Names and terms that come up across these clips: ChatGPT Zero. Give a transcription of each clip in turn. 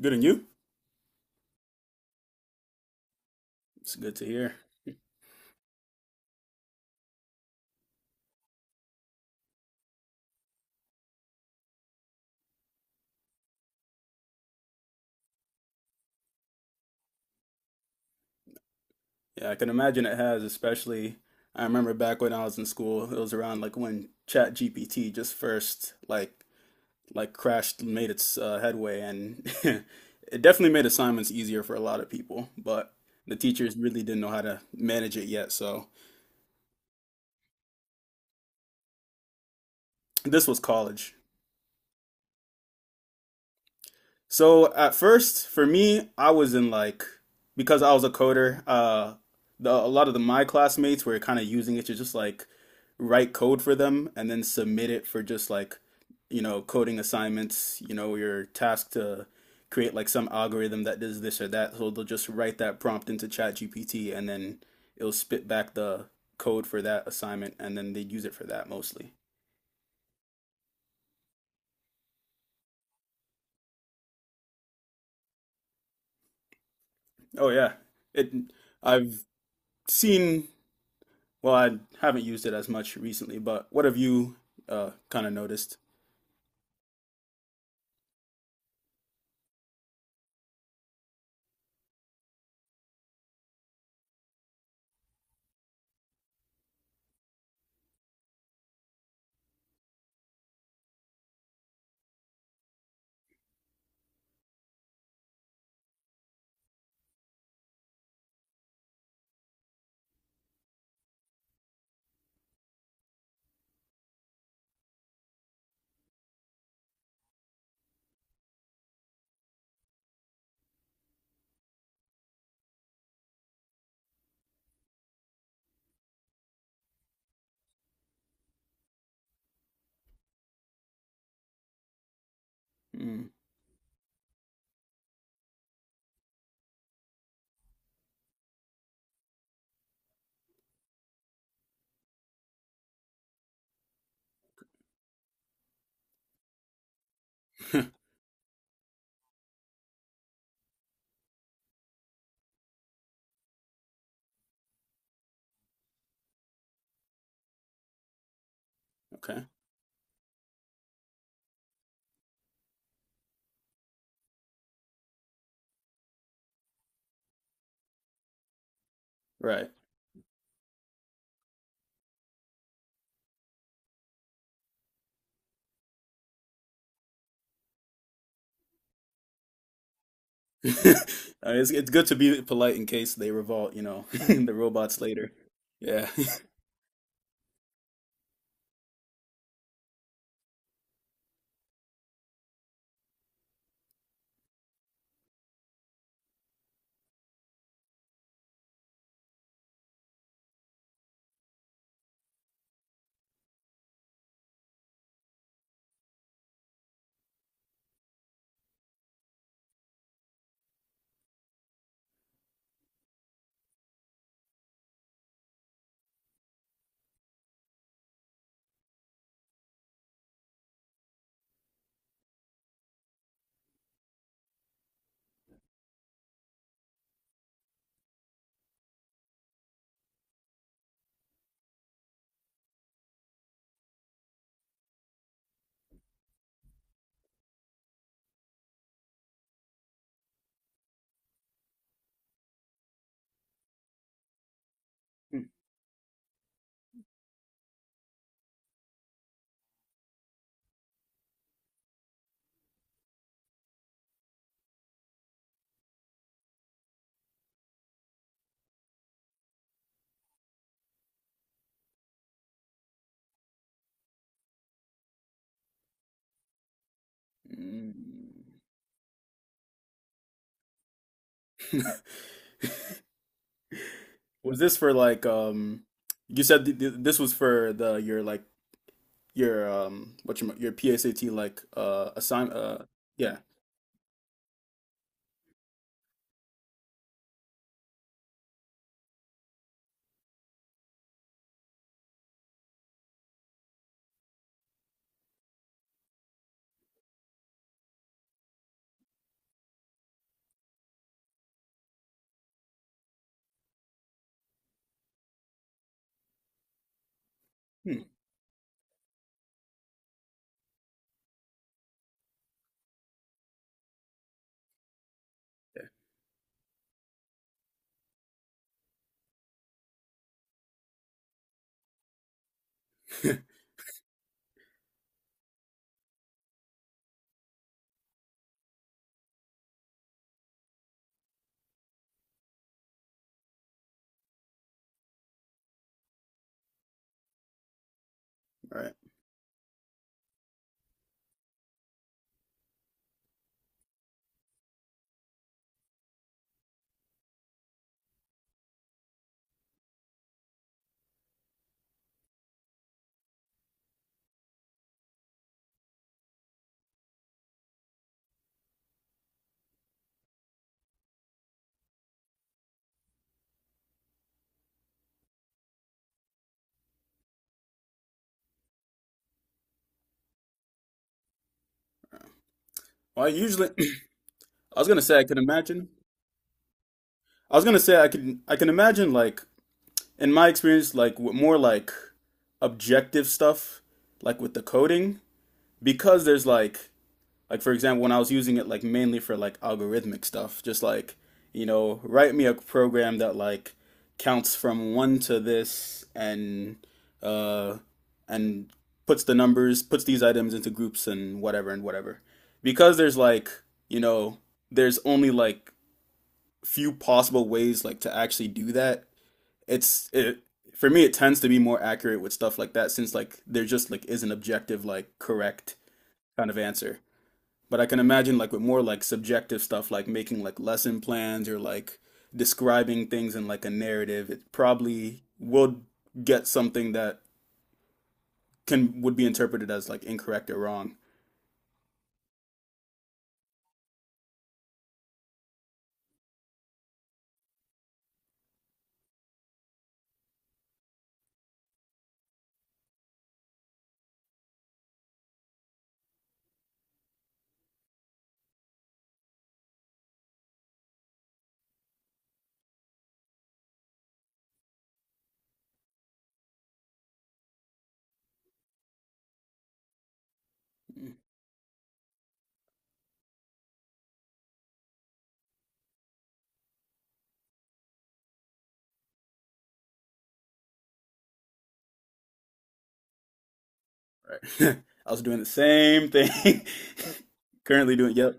Good, and you? It's good to hear. Yeah, I can imagine it has. Especially I remember back when I was in school, it was around like when ChatGPT just first like crashed made its headway and it definitely made assignments easier for a lot of people, but the teachers really didn't know how to manage it yet, so this was college. So at first, for me, I was in like because I was a coder. The a lot of the my classmates were kind of using it to just like write code for them and then submit it for just like coding assignments. You know, you're tasked to create like some algorithm that does this or that. So they'll just write that prompt into ChatGPT and then it'll spit back the code for that assignment, and then they'd use it for that mostly. Oh yeah, it. I've seen. Well, I haven't used it as much recently, but what have you kind of noticed? Mm. Okay. Right. It's good to be polite in case they revolt, you know, the robots later. Yeah. Mm. Was this for like you said th th this was for the your like your what your PSAT like assign yeah. Hmm. All right. Well, I usually I was gonna say I can imagine. I was gonna say I can imagine like in my experience, like with more like objective stuff, like with the coding, because there's like for example, when I was using it like mainly for like algorithmic stuff, just like you know, write me a program that like counts from one to this and uh and puts the numbers, puts these items into groups and whatever and whatever. Because there's like, you know, there's only like few possible ways like to actually do that it's it For me it tends to be more accurate with stuff like that since like there just like is an objective like correct kind of answer. But I can imagine like with more like subjective stuff like making like lesson plans or like describing things in like a narrative, it probably will get something that can would be interpreted as like incorrect or wrong. Right. I was doing the same thing. Currently doing, yep.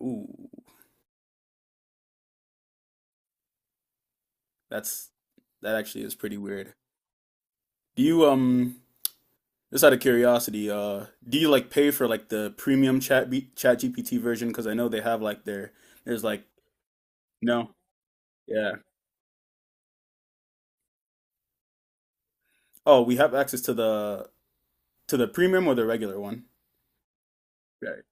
Ooh, that's that actually is pretty weird. Do you just out of curiosity, do you like pay for like the premium chat GPT version? Because I know they have like their there's like no, yeah. Oh, we have access to the premium or the regular one. Right.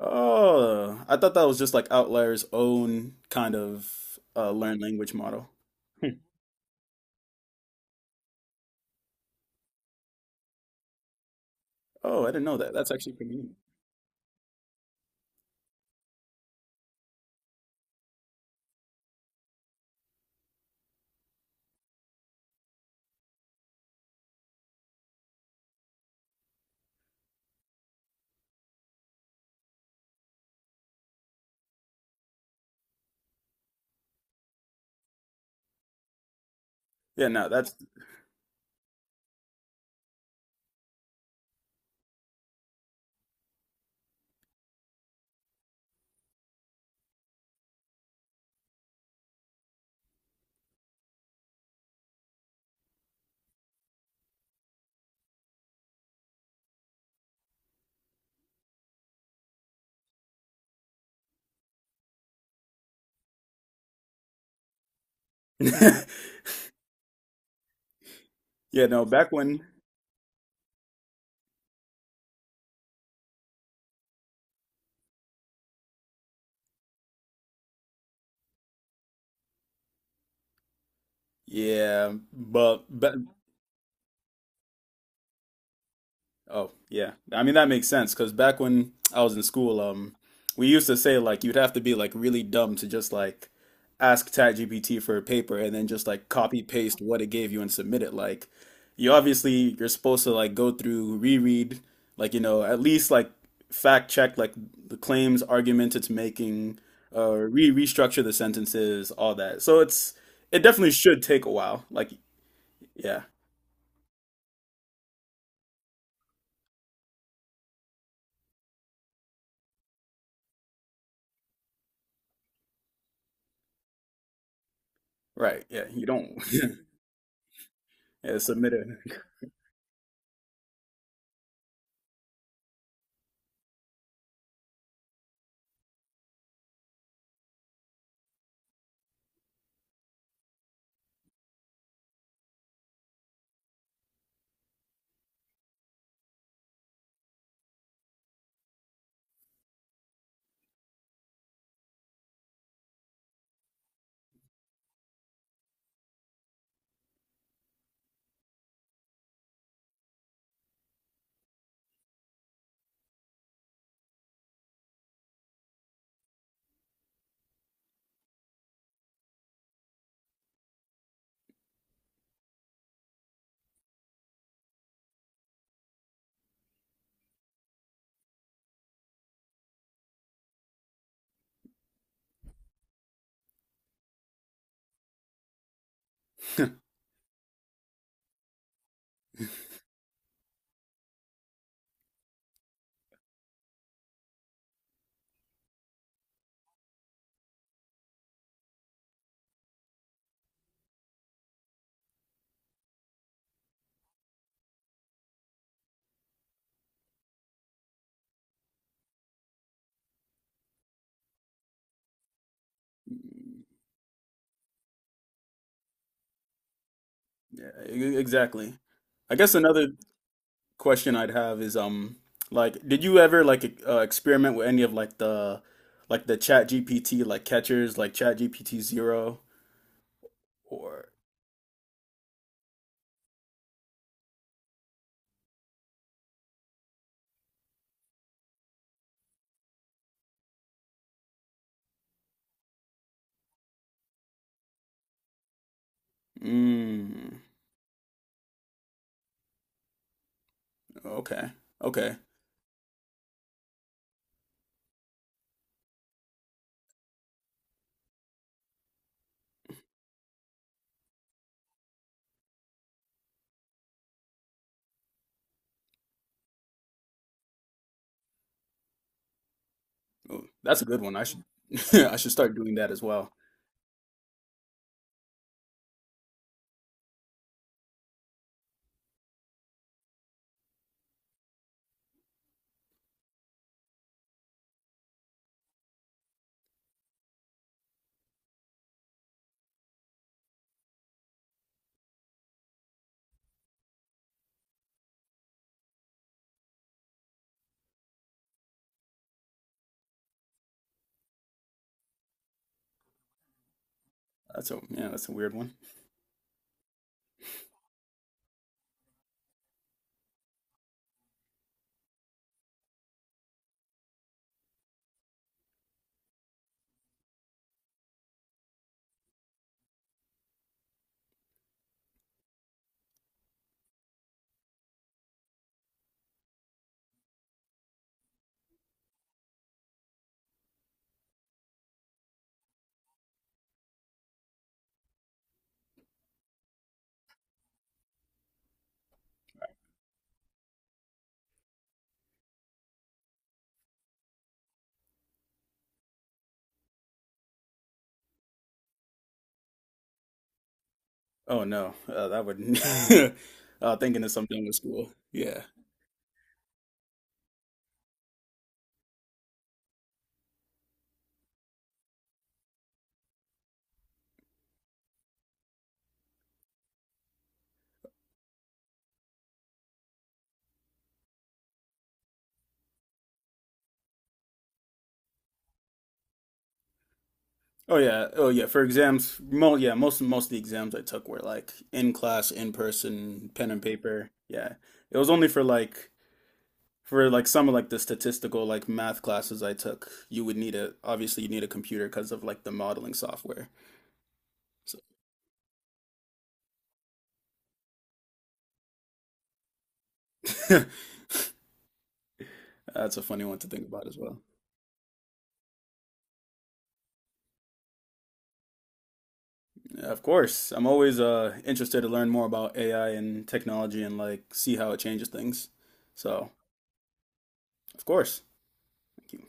Oh, I thought that was just like Outlier's own kind of learn language model. Hmm. Oh, I didn't know that. That's actually pretty neat. Yeah, no, that's yeah, no. Back when, yeah, but ba oh, yeah. I mean, that makes sense because back when I was in school, we used to say like you'd have to be like really dumb to just like ask ChatGPT for a paper and then just like copy paste what it gave you and submit it. Like, you obviously you're supposed to like go through, reread, like you know, at least like fact check like the claims, argument it's making, re restructure the sentences, all that. So it's it definitely should take a while. Like, yeah, right, yeah. You don't yeah, submit it. Yeah, exactly. I guess another question I'd have is like did you ever like experiment with any of like the Chat GPT like catchers like Chat GPT Zero or mm, okay okay. Oh, that's a good one I should I should start doing that as well. That's a yeah that's a weird one. Oh no that would thinking of something with school. Yeah. Oh yeah, oh yeah. For exams, mo yeah, most of the exams I took were like in class, in person, pen and paper. Yeah, it was only for like some of like the statistical like math classes I took. You would need a obviously you need a computer because of like the modeling software. So that's a funny one to think about as well. Yeah, of course, I'm always interested to learn more about AI and technology and like see how it changes things. So of course, thank you.